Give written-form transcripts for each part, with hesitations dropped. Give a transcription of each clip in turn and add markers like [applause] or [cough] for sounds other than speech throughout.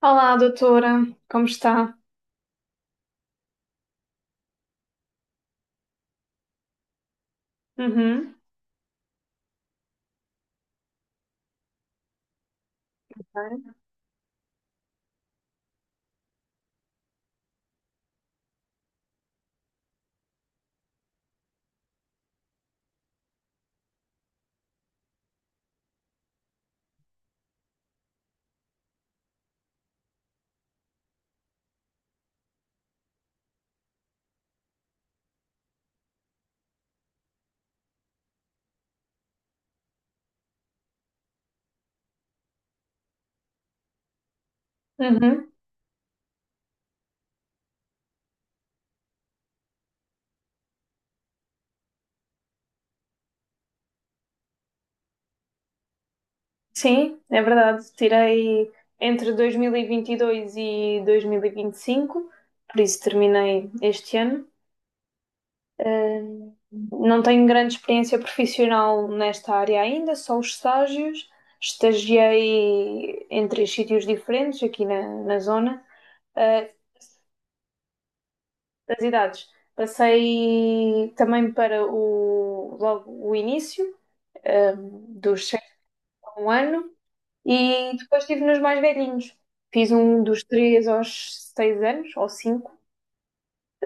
Olá, doutora, como está? Uhum, Bem, uhum. Sim, é verdade. Tirei entre 2022 e 2025, por isso terminei este ano. Não tenho grande experiência profissional nesta área ainda, só os estágios. Estagiei em três sítios diferentes aqui na zona. ah, Das idades, passei também para o, logo o início, ah, dos 6 a um ano. E depois estive nos mais velhinhos. Fiz um dos três aos seis anos, ou cinco,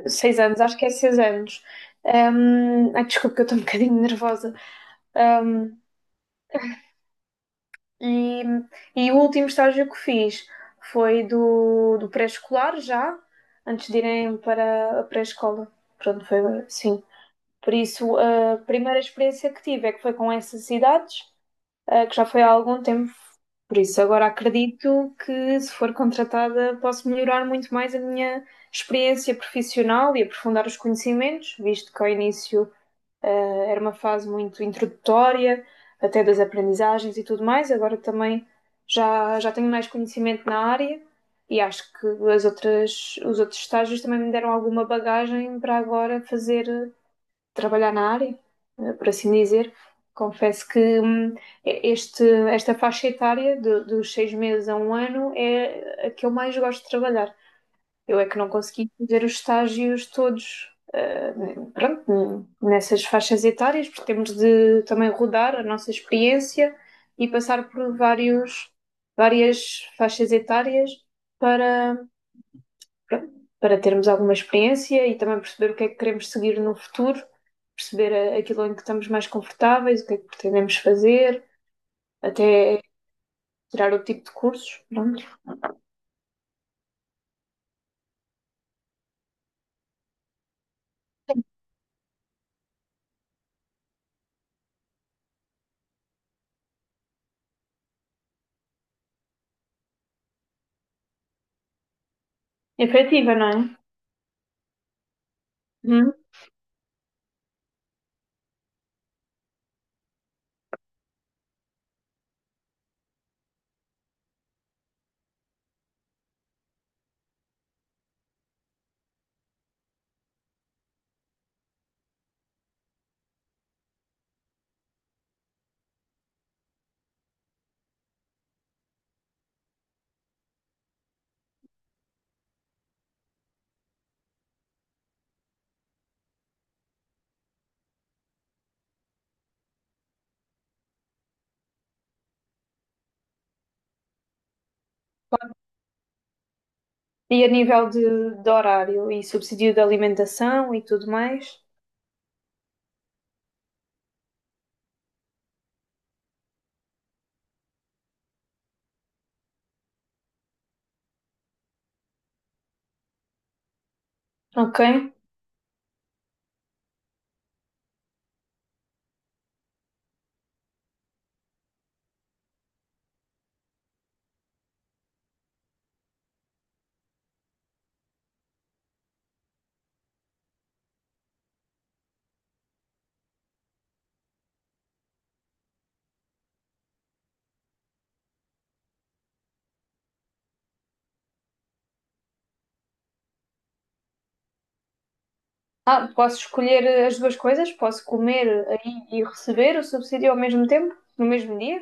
seis anos, acho que é seis anos. Ai, desculpa, que eu estou um [laughs] bocadinho nervosa. Hum, E, e o último estágio que fiz foi do pré-escolar já, antes de irem para a pré-escola. Pronto, foi, sim. Por isso, a primeira experiência que tive é que foi com essas idades, que já foi há algum tempo. Por isso, agora acredito que, se for contratada, posso melhorar muito mais a minha experiência profissional e aprofundar os conhecimentos, visto que ao início, era uma fase muito introdutória, até das aprendizagens e tudo mais. Agora também já tenho mais conhecimento na área e acho que as outras, os outros estágios também me deram alguma bagagem para agora fazer trabalhar na área, por assim dizer. Confesso que este, esta faixa etária dos seis meses a um ano é a que eu mais gosto de trabalhar. Eu é que não consegui fazer os estágios todos, pronto, nessas faixas etárias, porque temos de também rodar a nossa experiência e passar por vários, várias faixas etárias para, pronto, para termos alguma experiência e também perceber o que é que queremos seguir no futuro, perceber aquilo em que estamos mais confortáveis, o que é que pretendemos fazer, até tirar o tipo de cursos. Pronto. É criativa, não é? Uhum. E a nível de horário e subsídio de alimentação e tudo mais. Ok. Ah, posso escolher as duas coisas? Posso comer aí e receber o subsídio ao mesmo tempo? No mesmo dia?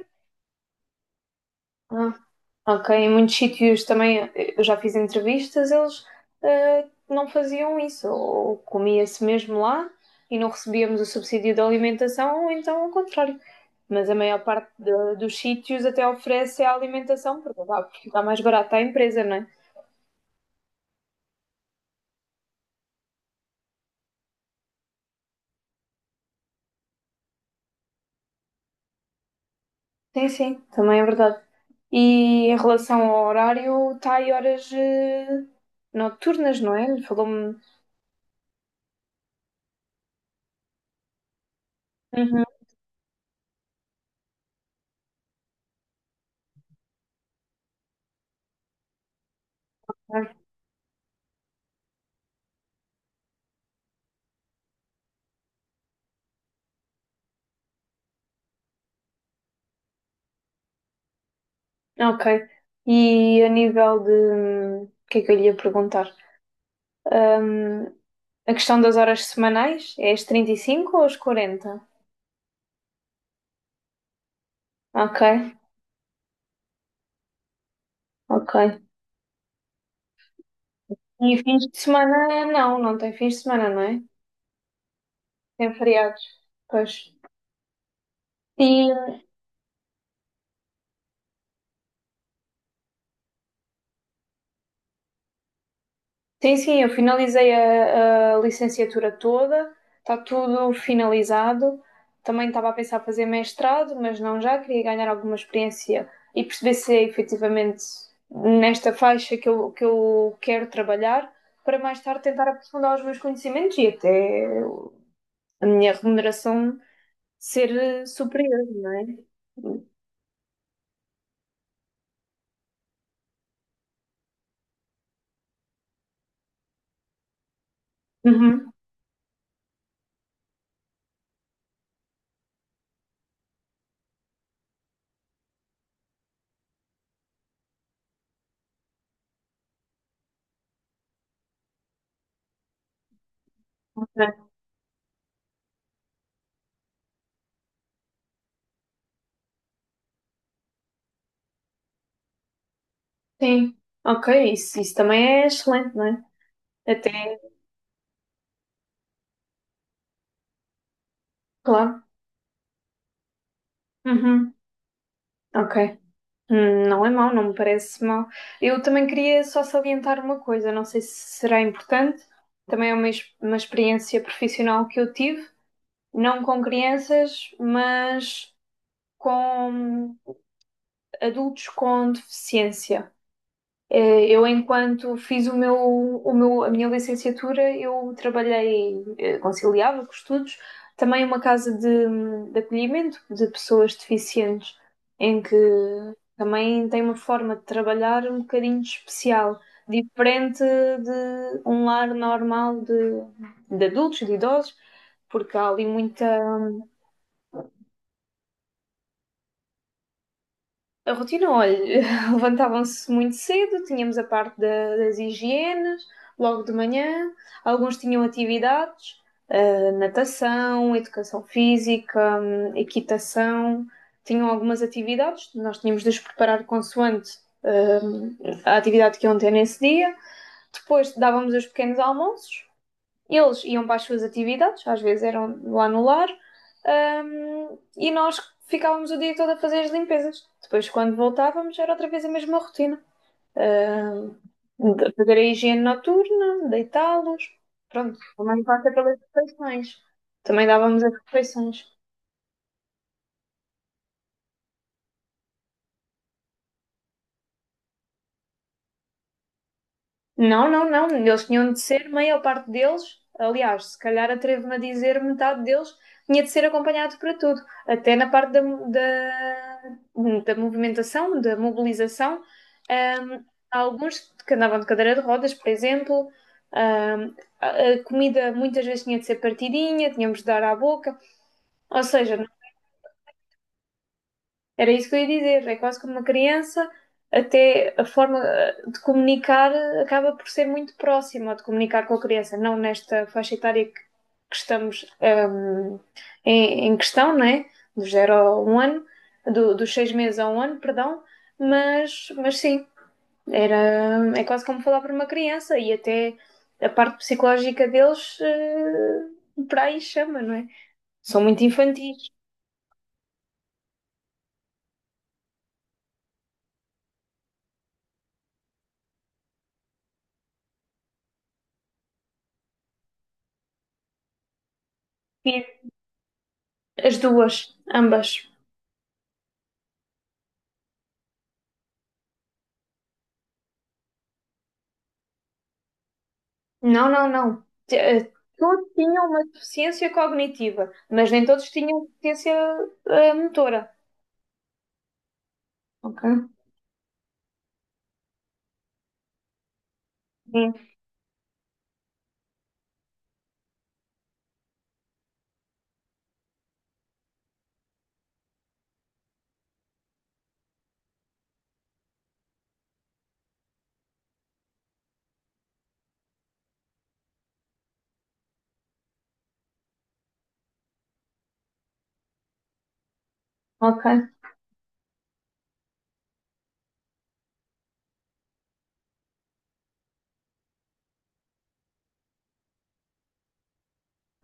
Ah, ok, em muitos sítios também, eu já fiz entrevistas, eles não faziam isso, ou comia-se mesmo lá e não recebíamos o subsídio de alimentação, ou então ao contrário. Mas a maior parte dos sítios até oferece a alimentação, porque dá mais barato à empresa, não é? Sim, sim, também é verdade. E em relação ao horário, está aí horas noturnas, não é? Falou-me. Uhum. Ok. E a nível de. O que é que eu lhe ia perguntar? Hum, A questão das horas semanais é as 35 ou as 40? Ok, ok. E fins de semana não, não tem fins de semana, não é? Tem feriados. Pois. E sim, sim, eu finalizei a licenciatura toda, está tudo finalizado. Também estava a pensar fazer mestrado, mas não já, queria ganhar alguma experiência e perceber se é efetivamente nesta faixa que que eu quero trabalhar, para mais tarde tentar aprofundar os meus conhecimentos e até a minha remuneração ser superior, não é? Uhum. Ok. Sim, ok, isso também é excelente, não é? Até, claro. Uhum. Ok. Não é mau, não me parece mau. Eu também queria só salientar uma coisa, não sei se será importante, também é uma, uma experiência profissional que eu tive, não com crianças, mas com adultos com deficiência. Eu, enquanto fiz a minha licenciatura, eu trabalhei, conciliava com estudos, também uma casa de acolhimento de pessoas deficientes, em que também tem uma forma de trabalhar um bocadinho especial, diferente de um lar normal de adultos, de idosos, porque há ali muita. A rotina, olha, [laughs] levantavam-se muito cedo, tínhamos a parte das higienes, logo de manhã, alguns tinham atividades, natação, educação física, equitação, tinham algumas atividades, nós tínhamos de os preparar consoante, hum, a atividade que iam ter nesse dia. Depois dávamos os pequenos almoços, eles iam para as suas atividades, às vezes eram lá no lar, e nós ficávamos o dia todo a fazer as limpezas. Depois, quando voltávamos, era outra vez a mesma rotina. De fazer a higiene noturna, deitá-los, pronto, também passa pelas refeições. Também dávamos as refeições. Não, não, não. Eles tinham de ser, maior parte deles, aliás, se calhar atrevo-me a dizer, metade deles tinha de ser acompanhado para tudo, até na parte da movimentação, da mobilização. Ahm, há alguns que andavam de cadeira de rodas, por exemplo. Ahm, a a comida muitas vezes tinha de ser partidinha, tínhamos de dar à boca. Ou seja, era isso que eu ia dizer. É quase como uma criança, até a forma de comunicar acaba por ser muito próxima de comunicar com a criança, não nesta faixa etária que estamos, em, em questão, não é? Do zero a um ano, dos seis meses a um ano, perdão, mas sim, era, é quase como falar para uma criança e até a parte psicológica deles, por aí chama, não é? São muito infantis. E as duas, ambas. Não, não, não. T- eh, Todos tinham uma deficiência cognitiva, mas nem todos tinham deficiência motora. Ok. Sim. Ok.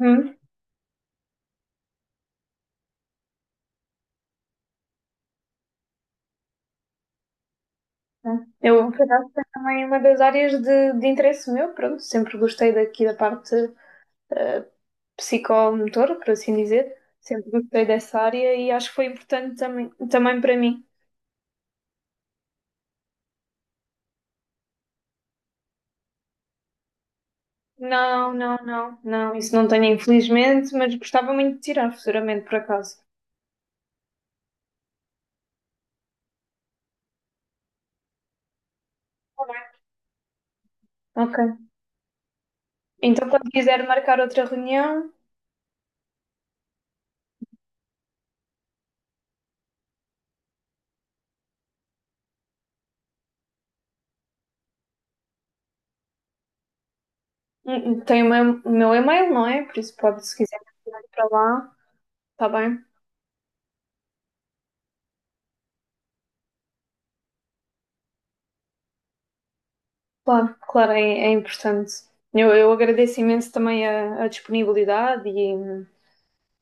Hum. Tá. Eu, por acaso, é também uma das áreas de interesse meu, pronto, sempre gostei daqui da parte eh, psicomotora, por assim dizer. Sempre gostei dessa área e acho que foi importante também, também para mim. Não, não, não, não, isso não tenho, infelizmente, mas gostava muito de tirar futuramente, por acaso. Tá bem. Ok. Então, quando quiser marcar outra reunião, tem o meu e-mail, não é? Por isso pode, se quiser ir para lá, está bem? Claro, claro, é, é importante. Eu agradeço imenso também a disponibilidade e,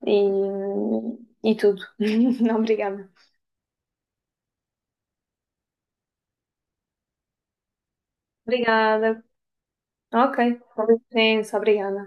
e, e tudo. [laughs] Obrigada. Obrigada. Ok, com licença, obrigada.